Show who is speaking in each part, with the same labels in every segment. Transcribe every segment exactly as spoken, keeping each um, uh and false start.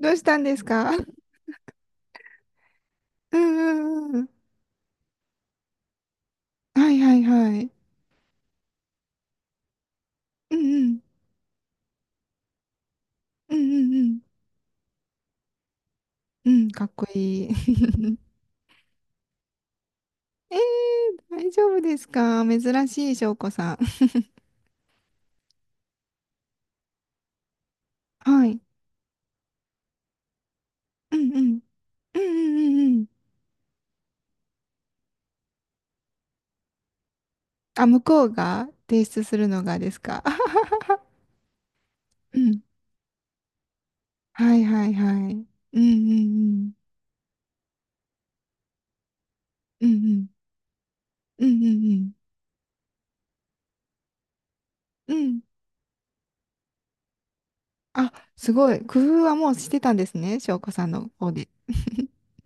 Speaker 1: どうしたんですか？うんうんうん。はいはいはい。うんうん。うんうんうん。うん、かっこいい。えー、大丈夫ですか？珍しい、翔子さん。はい。うんうん。うんうんうんうん。あ、向こうが提出するのがですか？あははは。 うん。はいはいはい。うんうんうん。うんうん。うんうんうん。うん。あ、すごい。工夫はもうしてたんですね、翔子さんの方で。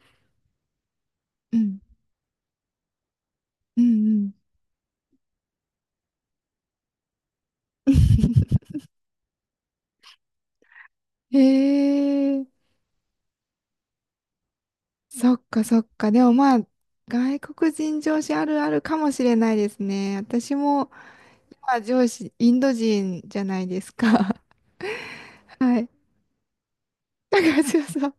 Speaker 1: うん。うんうん。ええ。そっかそっか。でもまあ、外国人上司あるあるかもしれないですね。私も、まあ上司、インド人じゃないですか。はい。だからそうそう。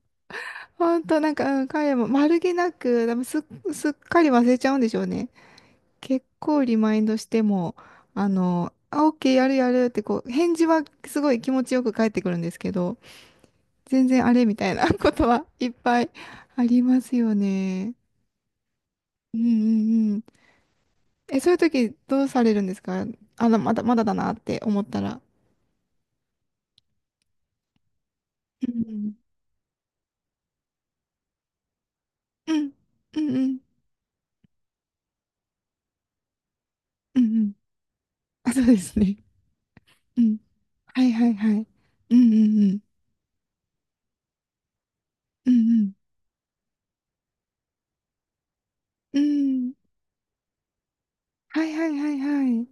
Speaker 1: 本当なんか、うん、彼も丸気なく、でもすっ、すっかり忘れちゃうんでしょうね。結構リマインドしても、あの、あ、オッケー、やるやるってこう、返事はすごい気持ちよく返ってくるんですけど、全然あれみたいなことはいっぱいありますよね。うんうんうん。え、そういう時どうされるんですか？あの、まだ、まだだなって思ったら。うん。うん。うん。うん。うん。うん。あ、そうですね。うん。はいはいはい。うんうんうん。うんうん。うん。はいはいはいはい。うん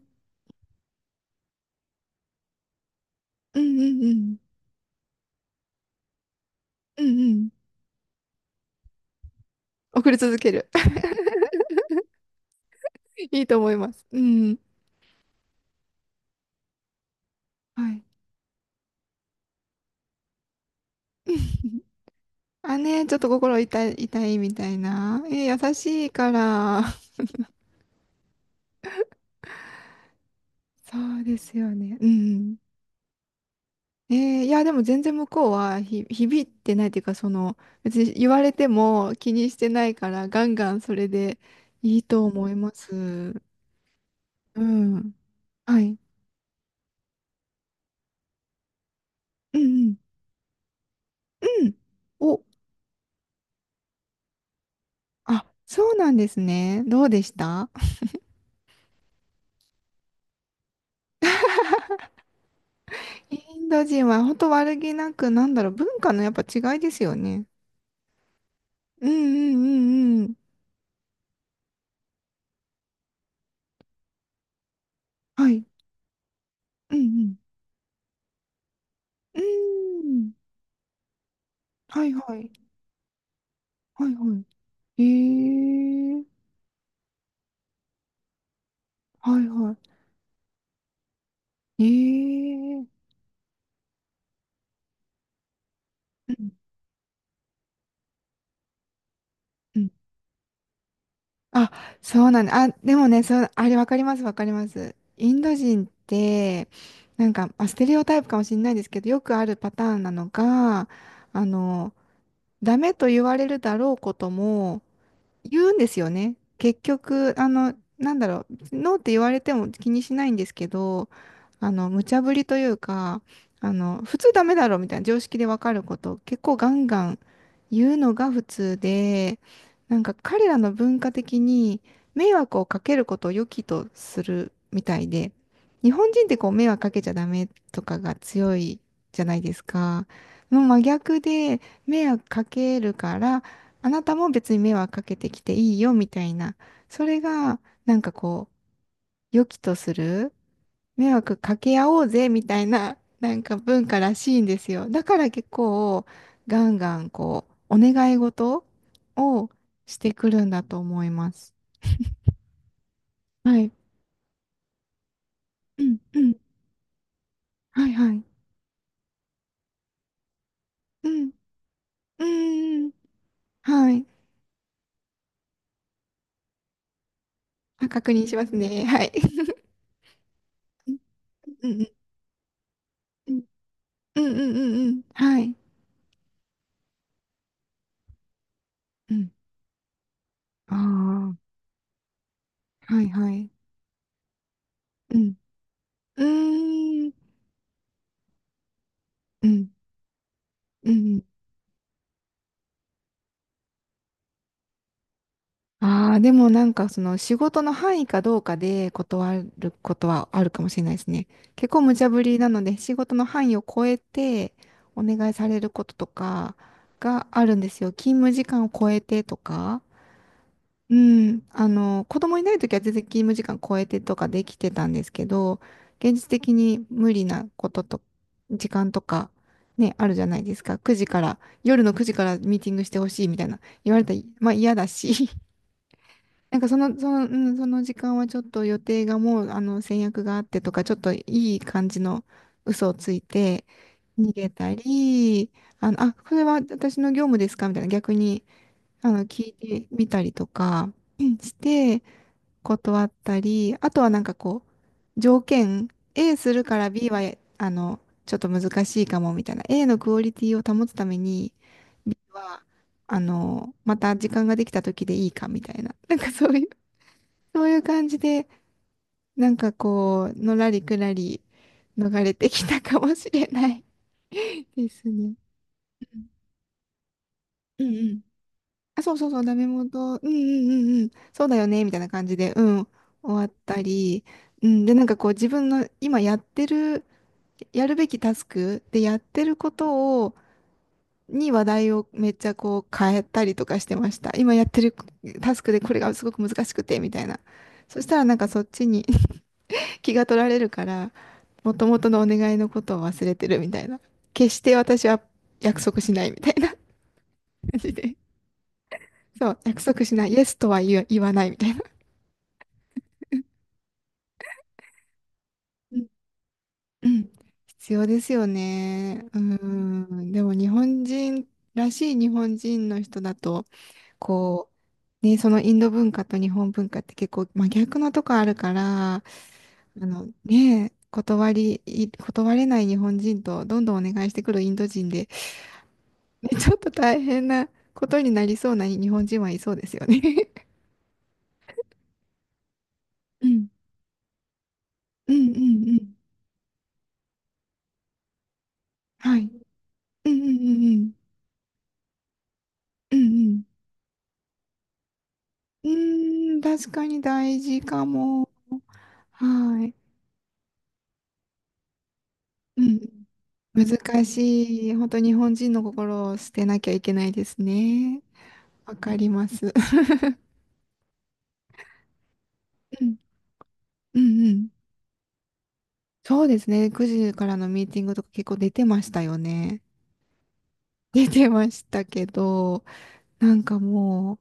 Speaker 1: うんうん。うんうん。送り続ける。いいと思います。うん。はい。あ、ね、ちょっと心痛い、痛いみたいな。え、優しいから。そうですよね。うん。えー、いや、でも全然向こうは、ひ響いてないっていうか、その、別に言われても気にしてないから、ガンガンそれでいいと思います。うん。はい。うんうん。うん。お、あ、そうなんですね。どうでした？ インド人は本当悪気なく、なんだろう、文化のやっぱ違いですよね。うんうんうんうん。はい。うんうん。うん。はいはい。はいはい。えー。はいはい。えー。うんうん。あ、そうなんだ。あ、でもね、そう、あれわかります、わかります。インド人って、なんか、まあ、ステレオタイプかもしれないですけど、よくあるパターンなのが、あの、ダメと言われるだろうことも、言うんですよね。結局、あの、なんだろう、ノーって言われても気にしないんですけど、あの、無茶ぶりというか、あの、普通ダメだろみたいな常識でわかることを結構ガンガン言うのが普通で、なんか彼らの文化的に迷惑をかけることを良きとするみたいで、日本人ってこう迷惑かけちゃダメとかが強いじゃないですか。の真逆で、迷惑かけるから、あなたも別に迷惑かけてきていいよみたいな、それがなんかこう、良きとする、迷惑かけ合おうぜみたいな、なんか文化らしいんですよ。だから結構、ガンガンこう、お願い事をしてくるんだと思います。はい。うんうん。はいはい。うん。うん。はい。あ、確認しますね。はい。うんうんうんうんうんうんうん。はい。うん。ああ。はいはい。うん。うーん、うん、うん。ああ、でもなんかその仕事の範囲かどうかで断ることはあるかもしれないですね。結構無茶ぶりなので仕事の範囲を超えてお願いされることとかがあるんですよ。勤務時間を超えてとか。うん、あの、子供いないときは全然勤務時間超えてとかできてたんですけど、現実的に無理なことと、時間とか、ね、あるじゃないですか。くじから、夜のくじからミーティングしてほしいみたいな言われたら、まあ嫌だし、なんかその、その、うん、その時間はちょっと予定がもう、あの、先約があってとか、ちょっといい感じの嘘をついて逃げたり、あの、あ、これは私の業務ですかみたいな、逆に。あの、聞いてみたりとか、うんして断ったり、あとはなんかこう、条件、A するから B は、あの、ちょっと難しいかもみたいな、A のクオリティを保つために、B は、あの、また時間ができた時でいいかみたいな、なんかそういう、そういう感じで、なんかこう、のらりくらり逃れてきたかもしれないですね。うんうん。あ、そうそうそう、ダメ元、うんうんうんうん、そうだよね、みたいな感じで、うん、終わったり、うん、で、なんかこう自分の今やってる、やるべきタスクでやってることを、に話題をめっちゃこう変えたりとかしてました。今やってるタスクでこれがすごく難しくて、みたいな。そしたらなんかそっちに、 気が取られるから、もともとのお願いのことを忘れてるみたいな。決して私は約束しないみたいな感じで。そう、約束しない。イエスとは言わ言わないみたいな。うんうん。必要ですよね。うん。でも日本人らしい日本人の人だと、こう、ね、そのインド文化と日本文化って結構真逆なとこあるから、あのね、断り、い断れない日本人とどんどんお願いしてくるインド人で、ね、ちょっと大変なことになりそうな日本人はいそうですよね。うん。うんうんうん。はい。うんうんうんうん。うんうん。うーん、確かに大事かも。はい。うん。難しい。本当日本人の心を捨てなきゃいけないですね。わかります。うん。うんうん。そうですね。くじからのミーティングとか結構出てましたよね。出てましたけど、なんかもう、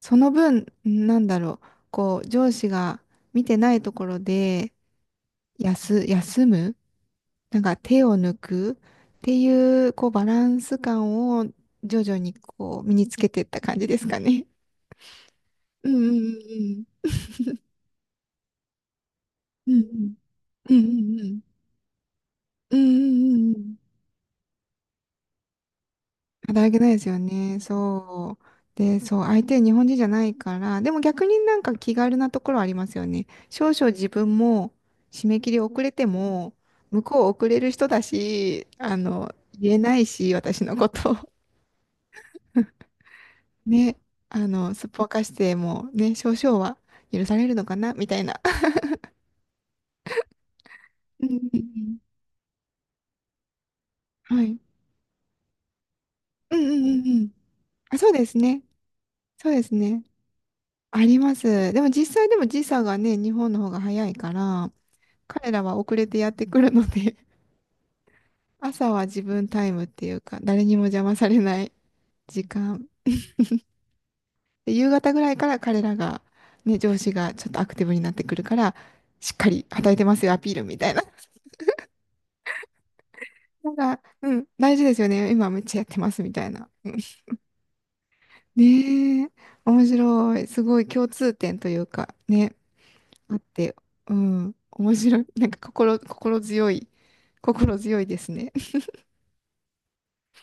Speaker 1: その分、なんだろう。こう、上司が見てないところで、休、休むなんか手を抜くっていう、こう、バランス感を徐々にこう、身につけていった感じですかね。うんうんうんうんうんうんうんうんうんうん。働けないですよね。そう。で、そう、相手日本人じゃないから、でも逆になんか気軽なところありますよね。少々自分も締め切り遅れても、向こう遅れる人だし、あの、言えないし、私のこと。ね、あの、すっぽかしてもね、少々は許されるのかな、みたいな。うんうんうん。はい。うんうんうんうん。あ、そうですね。そうですね。あります。でも実際でも時差がね、日本の方が早いから、彼らは遅れてやってくるので、朝は自分タイムっていうか、誰にも邪魔されない時間。で、夕方ぐらいから彼らが、ね、上司がちょっとアクティブになってくるから、しっかり働いてますよ、アピールみたいな。なんか、うん、大事ですよね。今めっちゃやってますみたいな。ねえ、面白い。すごい共通点というか、ね。あって、うん、面白い。なんか心、心強い、心強いですね。